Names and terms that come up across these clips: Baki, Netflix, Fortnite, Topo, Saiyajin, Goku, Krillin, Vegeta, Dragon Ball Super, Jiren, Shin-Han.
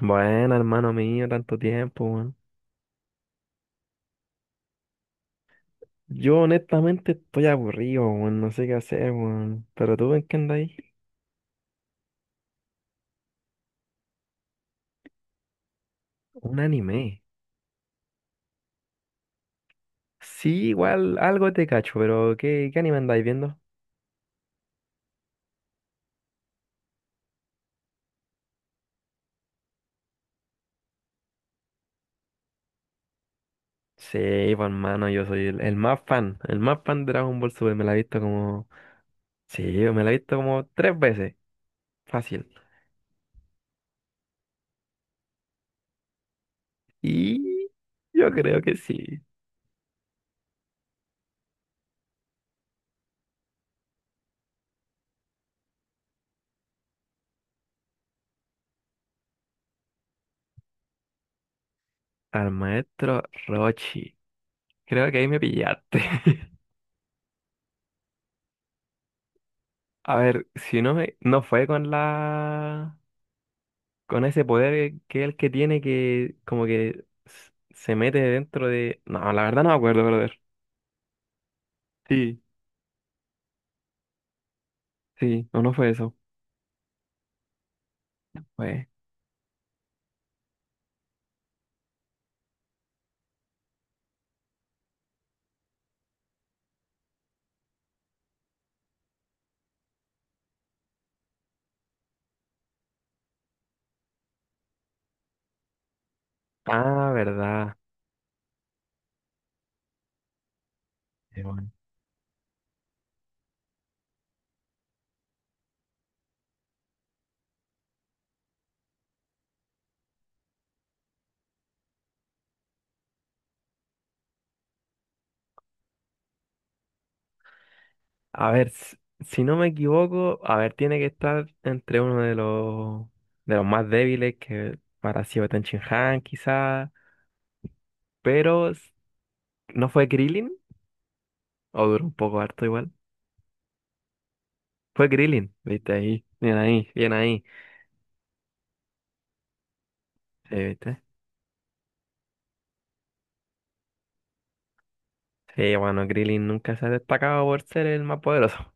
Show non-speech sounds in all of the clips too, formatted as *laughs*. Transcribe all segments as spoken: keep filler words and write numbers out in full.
Bueno, hermano mío, tanto tiempo, weón. Yo honestamente estoy aburrido, weón, no sé qué hacer, weón. ¿Pero tú en qué andáis? Un anime. Sí, igual algo te cacho, pero ¿qué, qué anime andáis viendo? Sí, pues hermano, yo soy el, el más fan, el más fan de Dragon Ball Super, me la he visto como... Sí, me la he visto como tres veces, fácil. Y yo creo que sí, al maestro Rochi. Creo que ahí me pillaste. *laughs* A ver, si no me... No fue con la... con ese poder que es el que tiene que como que s- se mete dentro de... No, la verdad no me acuerdo, brother. Sí, sí, no, no fue eso. Fue... Ah, verdad. Eh, bueno. A ver, s- si no me equivoco, a ver, tiene que estar entre uno de los de los más débiles que para sido Shin-Han quizás, pero s- ¿no fue Krillin? O duró un poco harto igual. Fue Krillin, viste ahí, bien ahí, bien ahí. Sí, viste. Sí, bueno, Krillin nunca se ha destacado por ser el más poderoso.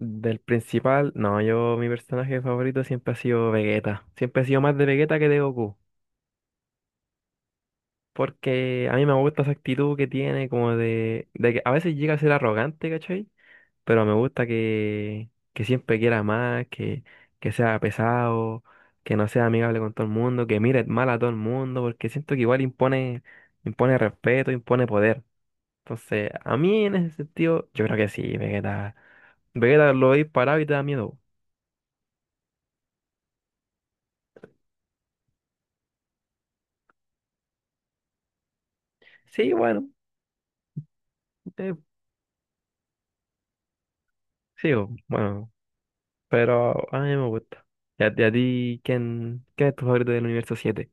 Del principal, no, yo mi personaje favorito siempre ha sido Vegeta. Siempre he sido más de Vegeta que de Goku. Porque a mí me gusta esa actitud que tiene, como de, de que a veces llega a ser arrogante, ¿cachai? Pero me gusta que, que siempre quiera más, que, que sea pesado, que no sea amigable con todo el mundo, que mire mal a todo el mundo, porque siento que igual impone, impone respeto, impone poder. Entonces, a mí en ese sentido, yo creo que sí, Vegeta. Vegeta lo veis parado y te da miedo. Sí, bueno. Eh, sí, o- bueno, pero a mí me gusta. ¿Y a, y a ti quién, qué es tu favorito del universo siete?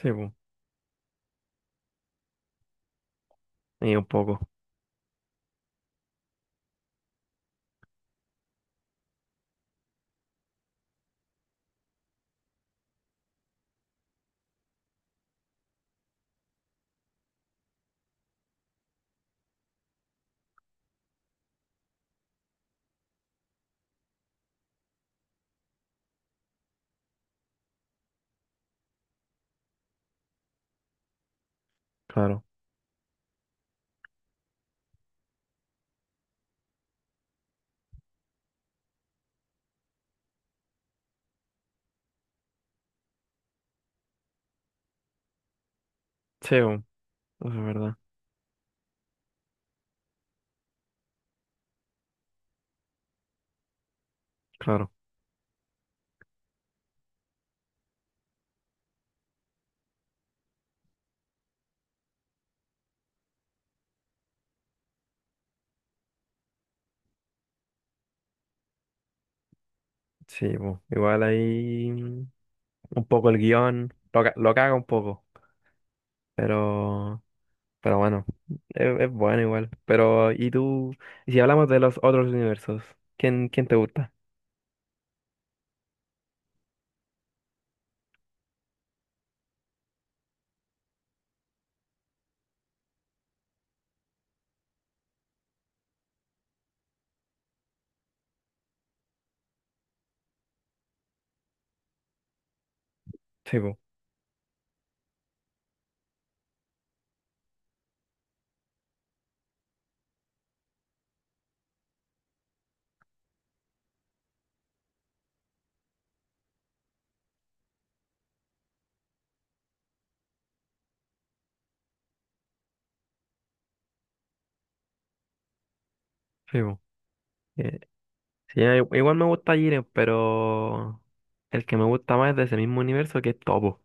Sí, po. Y un poco, claro. Sí, po. Eso es verdad, claro. Sí, po. Igual ahí mm, un poco el guión, lo, ca- lo caga un poco, pero, pero bueno, es, es bueno igual. Pero, ¿y tú? Y si hablamos de los otros universos, ¿quién, quién te gusta? Sí, po. Sí, po. Sí, a- igual me gusta Jiren, pero el que me gusta más es de ese mismo universo que es Topo.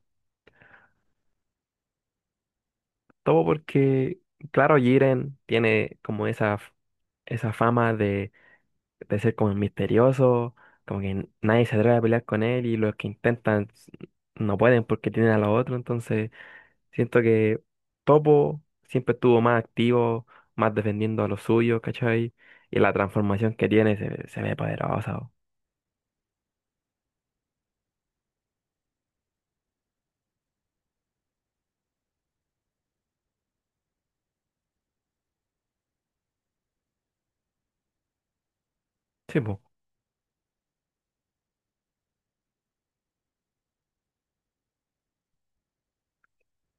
Topo porque, claro, Jiren tiene como esa, f- esa fama de, de ser como misterioso, como que n- nadie se atreve a pelear con él y los que intentan s- no pueden porque tienen a los otros, entonces siento que Topo siempre estuvo más activo, más defendiendo a los suyos, ¿cachai? Y la transformación que tiene se, se ve poderosa, po. Sí, po,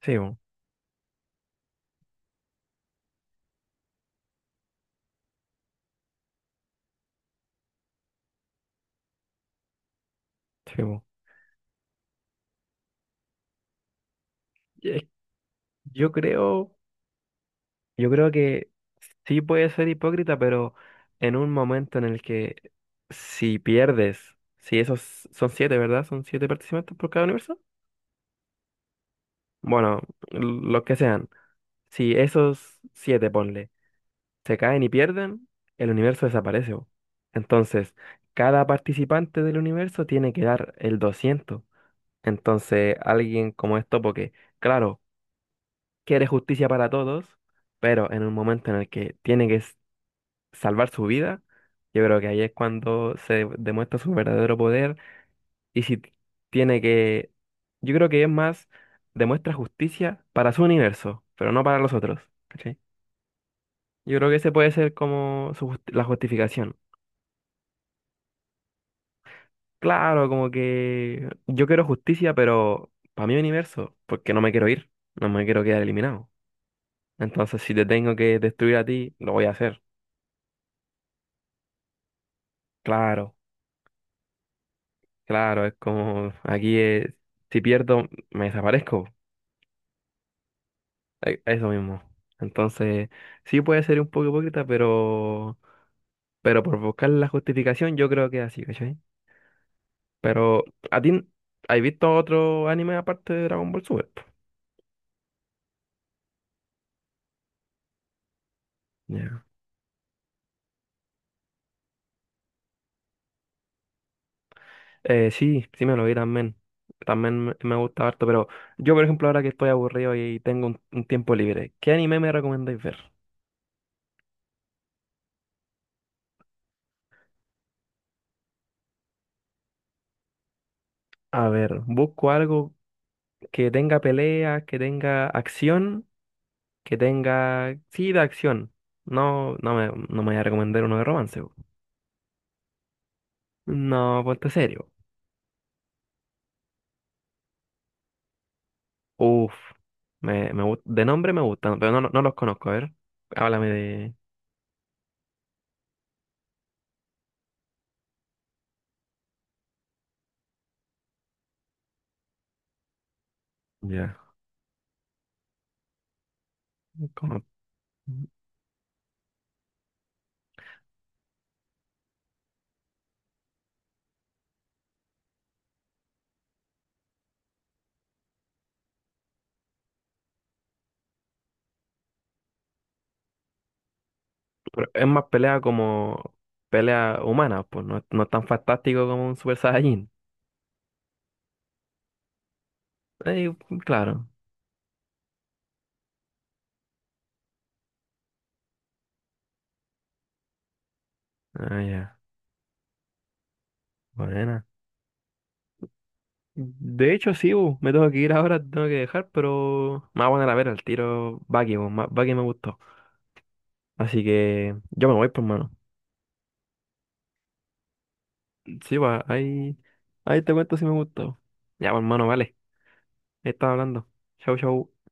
sí, po, sí, po. Yo creo, yo creo que sí puede ser hipócrita, pero en un momento en el que si pierdes, si esos son siete, ¿verdad? Son siete participantes por cada universo. Bueno, los que sean. Si esos siete, ponle, se caen y pierden, el universo desaparece, bo. Entonces, cada participante del universo tiene que dar el doscientos. Entonces, alguien como esto, porque, claro, quiere justicia para todos, pero en un momento en el que tiene que salvar su vida, yo creo que ahí es cuando se demuestra su verdadero poder y si t- tiene que, yo creo que es más, demuestra justicia para su universo, pero no para los otros, ¿cachai? Yo creo que ese puede ser como su jus- la justificación. Claro, como que yo quiero justicia, pero para mi universo, porque no me quiero ir, no me quiero quedar eliminado. Entonces, si te tengo que destruir a ti, lo voy a hacer. Claro, claro, es como aquí es, si pierdo, me desaparezco. E- Eso mismo. Entonces, sí puede ser un poco hipócrita, pero, pero por buscar la justificación yo creo que es así, ¿cachai? Pero, ¿a ti has visto otro anime aparte de Dragon Ball Super? Ya. Eh, sí, sí me lo vi también. También me, me gusta harto, pero yo, por ejemplo, ahora que estoy aburrido y tengo un, un tiempo libre, ¿qué anime me recomendáis ver? A ver, busco algo que tenga peleas, que tenga acción, que tenga... Sí, de acción. No, no me, no me voy a recomendar uno de romance. No, ponte serio. Uf, me, me, gust- de nombre me gustan, pero no, no, no los conozco. A ver, háblame de... Ya. como- pero es más pelea como pelea humana, pues no, no es tan fantástico como un Super Saiyajin. Eh, claro. Ah, ya. Buena. De hecho, sí, bu, me tengo que ir ahora, tengo que dejar, pero me voy a poner a ver el tiro Baki, bu, ma- Baki me gustó. Así que yo me voy, pues, hermano. Sí, va, ahí, ahí te cuento si me gustó. Ya, pues, hermano, vale. Ahí estaba hablando. Chau, chau.